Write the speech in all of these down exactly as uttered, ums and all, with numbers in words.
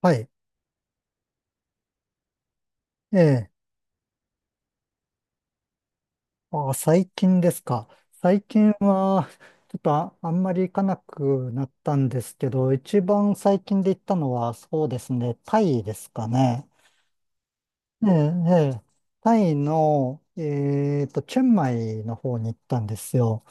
はい。ええ。あ、最近ですか。最近は、ちょっとあ、あんまり行かなくなったんですけど、一番最近で行ったのは、そうですね、タイですかね。ええ、ええ。タイの、えっと、チェンマイの方に行ったんですよ。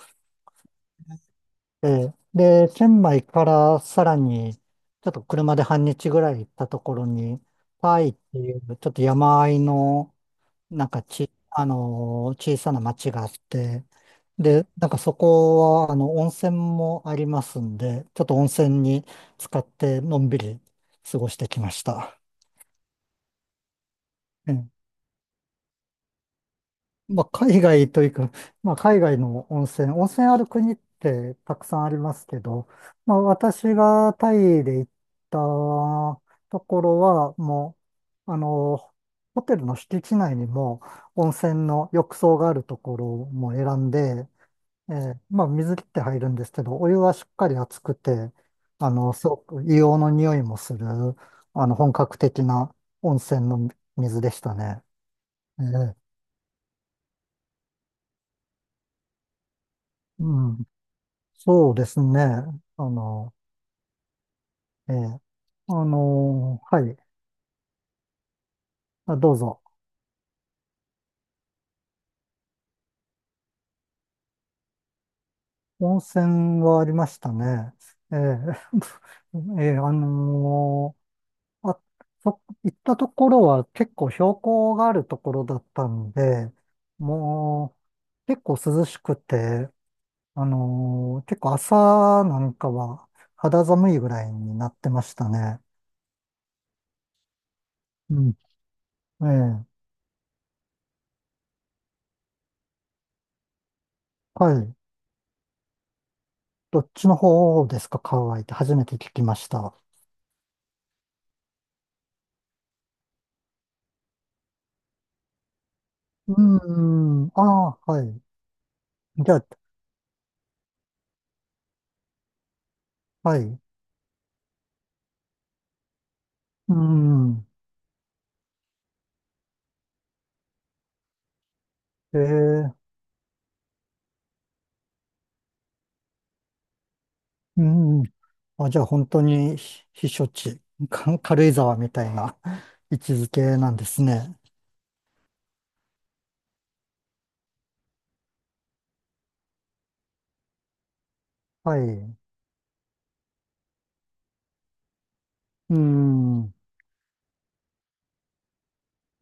ええ。で、チェンマイからさらに、ちょっと車で半日ぐらい行ったところに、タイっていう、ちょっと山あいの、なんかち、あのー小さな町があって、で、なんかそこは、あの、温泉もありますんで、ちょっと温泉に使ってのんびり過ごしてきました。ええ、まあ、海外というか、まあ、海外の温泉、温泉ある国ってたくさんありますけど、まあ、私がタイで行ったところは、もう、あのホテルの敷地内にも温泉の浴槽があるところも選んで、ええ、まあ水切って入るんですけど、お湯はしっかり熱くて、あの、すごく硫黄の匂いもする、あの、本格的な温泉の水でしたね。ええ、うん、そうですね。あの、ええ、あの、はい、あ、どうぞ。温泉はありましたね。ええ、ええ、あのあ、そ、行ったところは結構標高があるところだったんで、もう結構涼しくて、あのー結構朝なんかは肌寒いぐらいになってましたね。うん。ええ。はい。どっちの方ですか？ハワイって初めて聞きました。うーん。ああ、はい。じゃあ、はい。うーん。ええ。うん。あ、じゃあ本当に避避暑地、か 軽井沢みたいな 位置づけなんですね。はい。うん。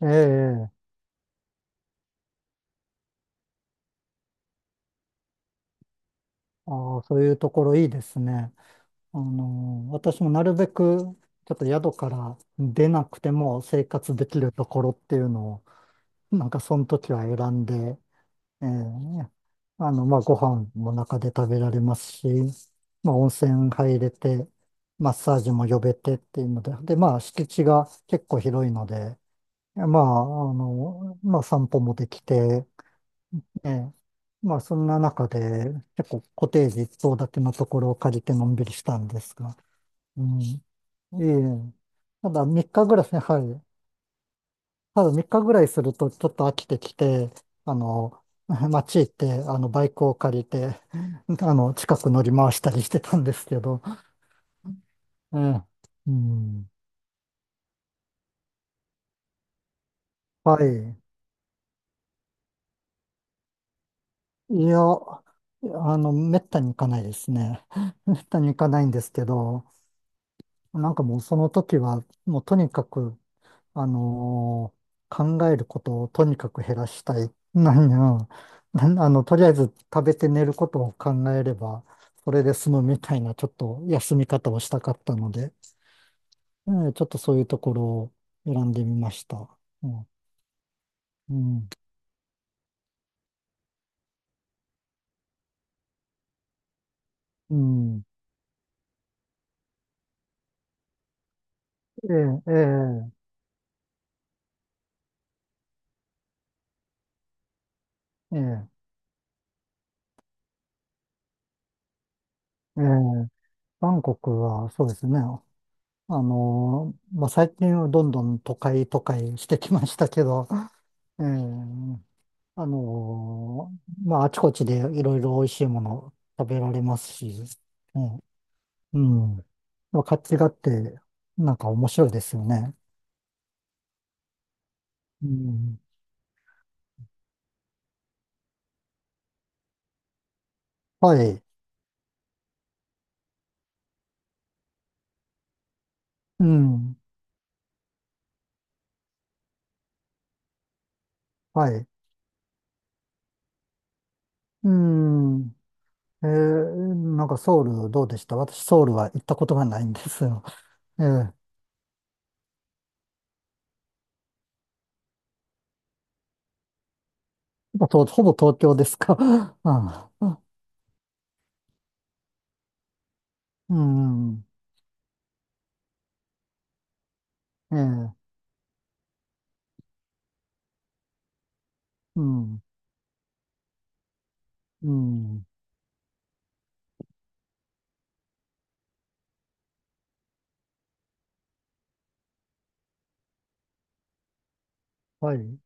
ええ。ああ、そういうところいいですね。あの、私もなるべくちょっと宿から出なくても生活できるところっていうのを、なんかその時は選んで、ええ、あの、まあ、ご飯も中で食べられますし、まあ、温泉入れて、マッサージも呼べてっていうので、で、まあ、敷地が結構広いので、まあ、あの、まあ、散歩もできて、ええ、まあ、そんな中で、結構コテージ一棟建てのところを借りてのんびりしたんですが、うん、いえただ、みっかぐらい、はい、ただみっかぐらいするとちょっと飽きてきて、あの、街行って、あの、バイクを借りて、あの、近く乗り回したりしてたんですけど、ええ、うん、はい。いや、あの、めったに行かないですね。めったに行かないんですけど、なんかもうその時は、もうとにかく、あのー考えることをとにかく減らしたい。何や、なあの、とりあえず食べて寝ることを考えれば、それで済むみたいな、ちょっと休み方をしたかったので、えーちょっとそういうところを選んでみました。うん。うん。うん、ええ、ええ、ええ、ええ、バンコクはそうですね。あのーまあ、最近はどんどん都会都会してきましたけど、ええ、あのーまあ、あちこちでいろいろ美味しいもの食べられますし、ね、うん。まあ、活気があって、なんか面白いですよね。うん。はい。うん。はい。うん。えー、なんかソウルどうでした？私ソウルは行ったことがないんですよ。ええやと、ほぼ東ほぼ東京ですか？うん。うん、ええー、うん。うん。はい。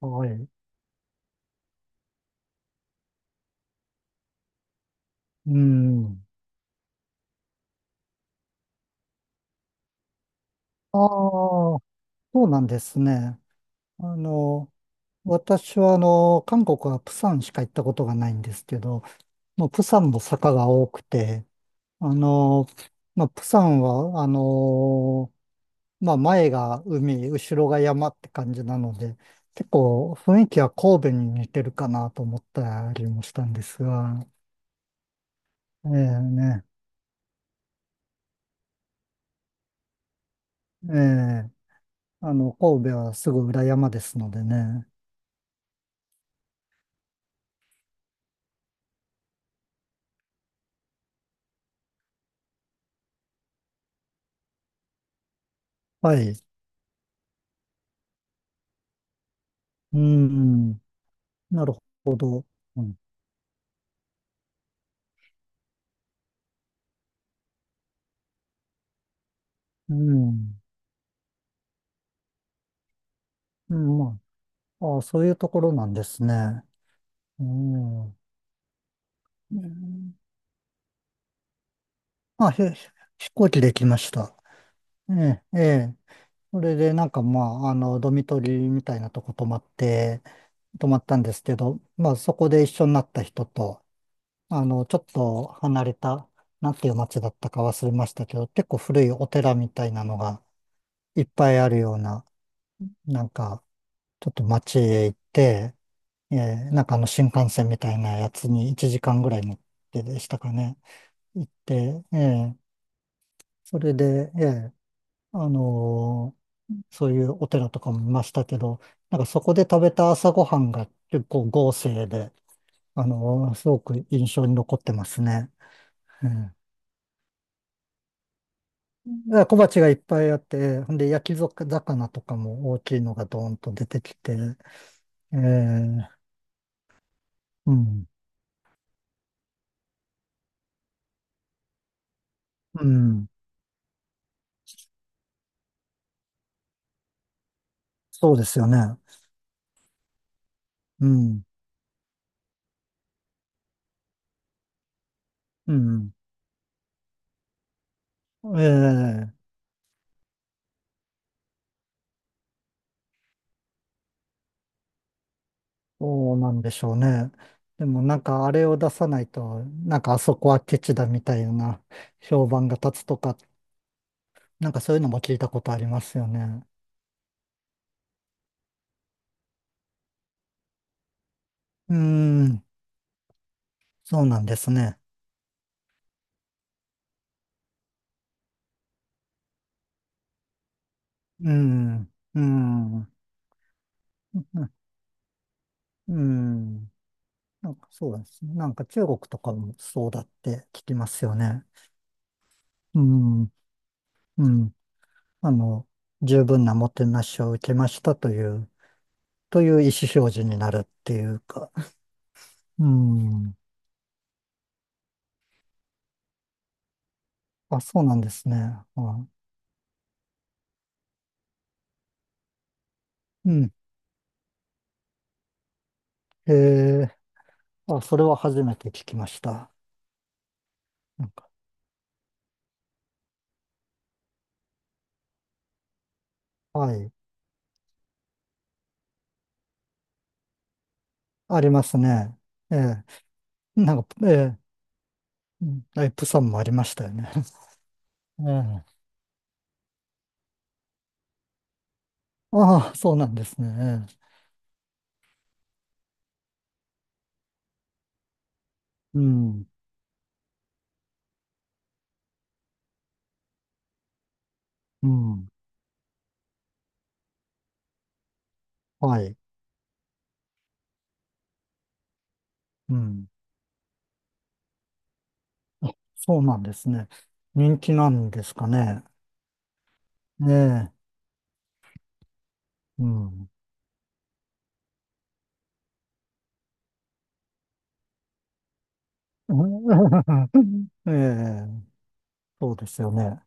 はい。うん。ああ、そうなんですね。あの、私はあの、韓国は釜山しか行ったことがないんですけど、もう釜山も坂が多くて、あの、まあ、釜山は、あの、まあ、前が海、後ろが山って感じなので、結構雰囲気は神戸に似てるかなと思ったりもしたんですが、ええ、ね、ええ、あの、神戸はすぐ裏山ですのでね。はい。うん、なるほど。うん、うん、うん、まあ、ああ、そういうところなんですね。うん。うん。まあ、ひ飛行機で来ました。ええ、ええ。それで、なんかまあ、あの、ドミトリーみたいなとこ泊まって、泊まったんですけど、まあ、そこで一緒になった人と、あの、ちょっと離れた、なんていう街だったか忘れましたけど、結構古いお寺みたいなのがいっぱいあるような、なんか、ちょっと街へ行って、ええ、なんかあの、新幹線みたいなやつにいちじかんぐらい乗ってでしたかね。行って、ええ、それで、ええ、あのそういうお寺とかも見ましたけど、なんかそこで食べた朝ごはんが結構豪勢で、あのすごく印象に残ってますね。うん、だから小鉢がいっぱいあって、ほんで焼き魚とかも大きいのがドーンと出てきて、ええ、うん、うん、そうですよね。うん、うん、ええ、そうなんでしょうね。でもなんかあれを出さないと、なんかあそこはケチだみたいな評判が立つとか、なんかそういうのも聞いたことありますよね。うーん、そうなんですね。うーん、うーん、うーん、なんかそうですね。なんか中国とかもそうだって聞きますよね。うん、うん、あの、十分なもてなしを受けましたという、という意思表示になるっていうか。うん、あ、そうなんですね。はい。うん。ええ、あ、それは初めて聞きました。なんか、はい。ありますね。ええ、なんか、ええ、うん、あ、プサンもありましたよね。ええ、ああ、そうなんですね。ええ、うん、うん、はい。うん、そうなんですね。人気なんですかね。ええ、うん。ええ、そうですよね。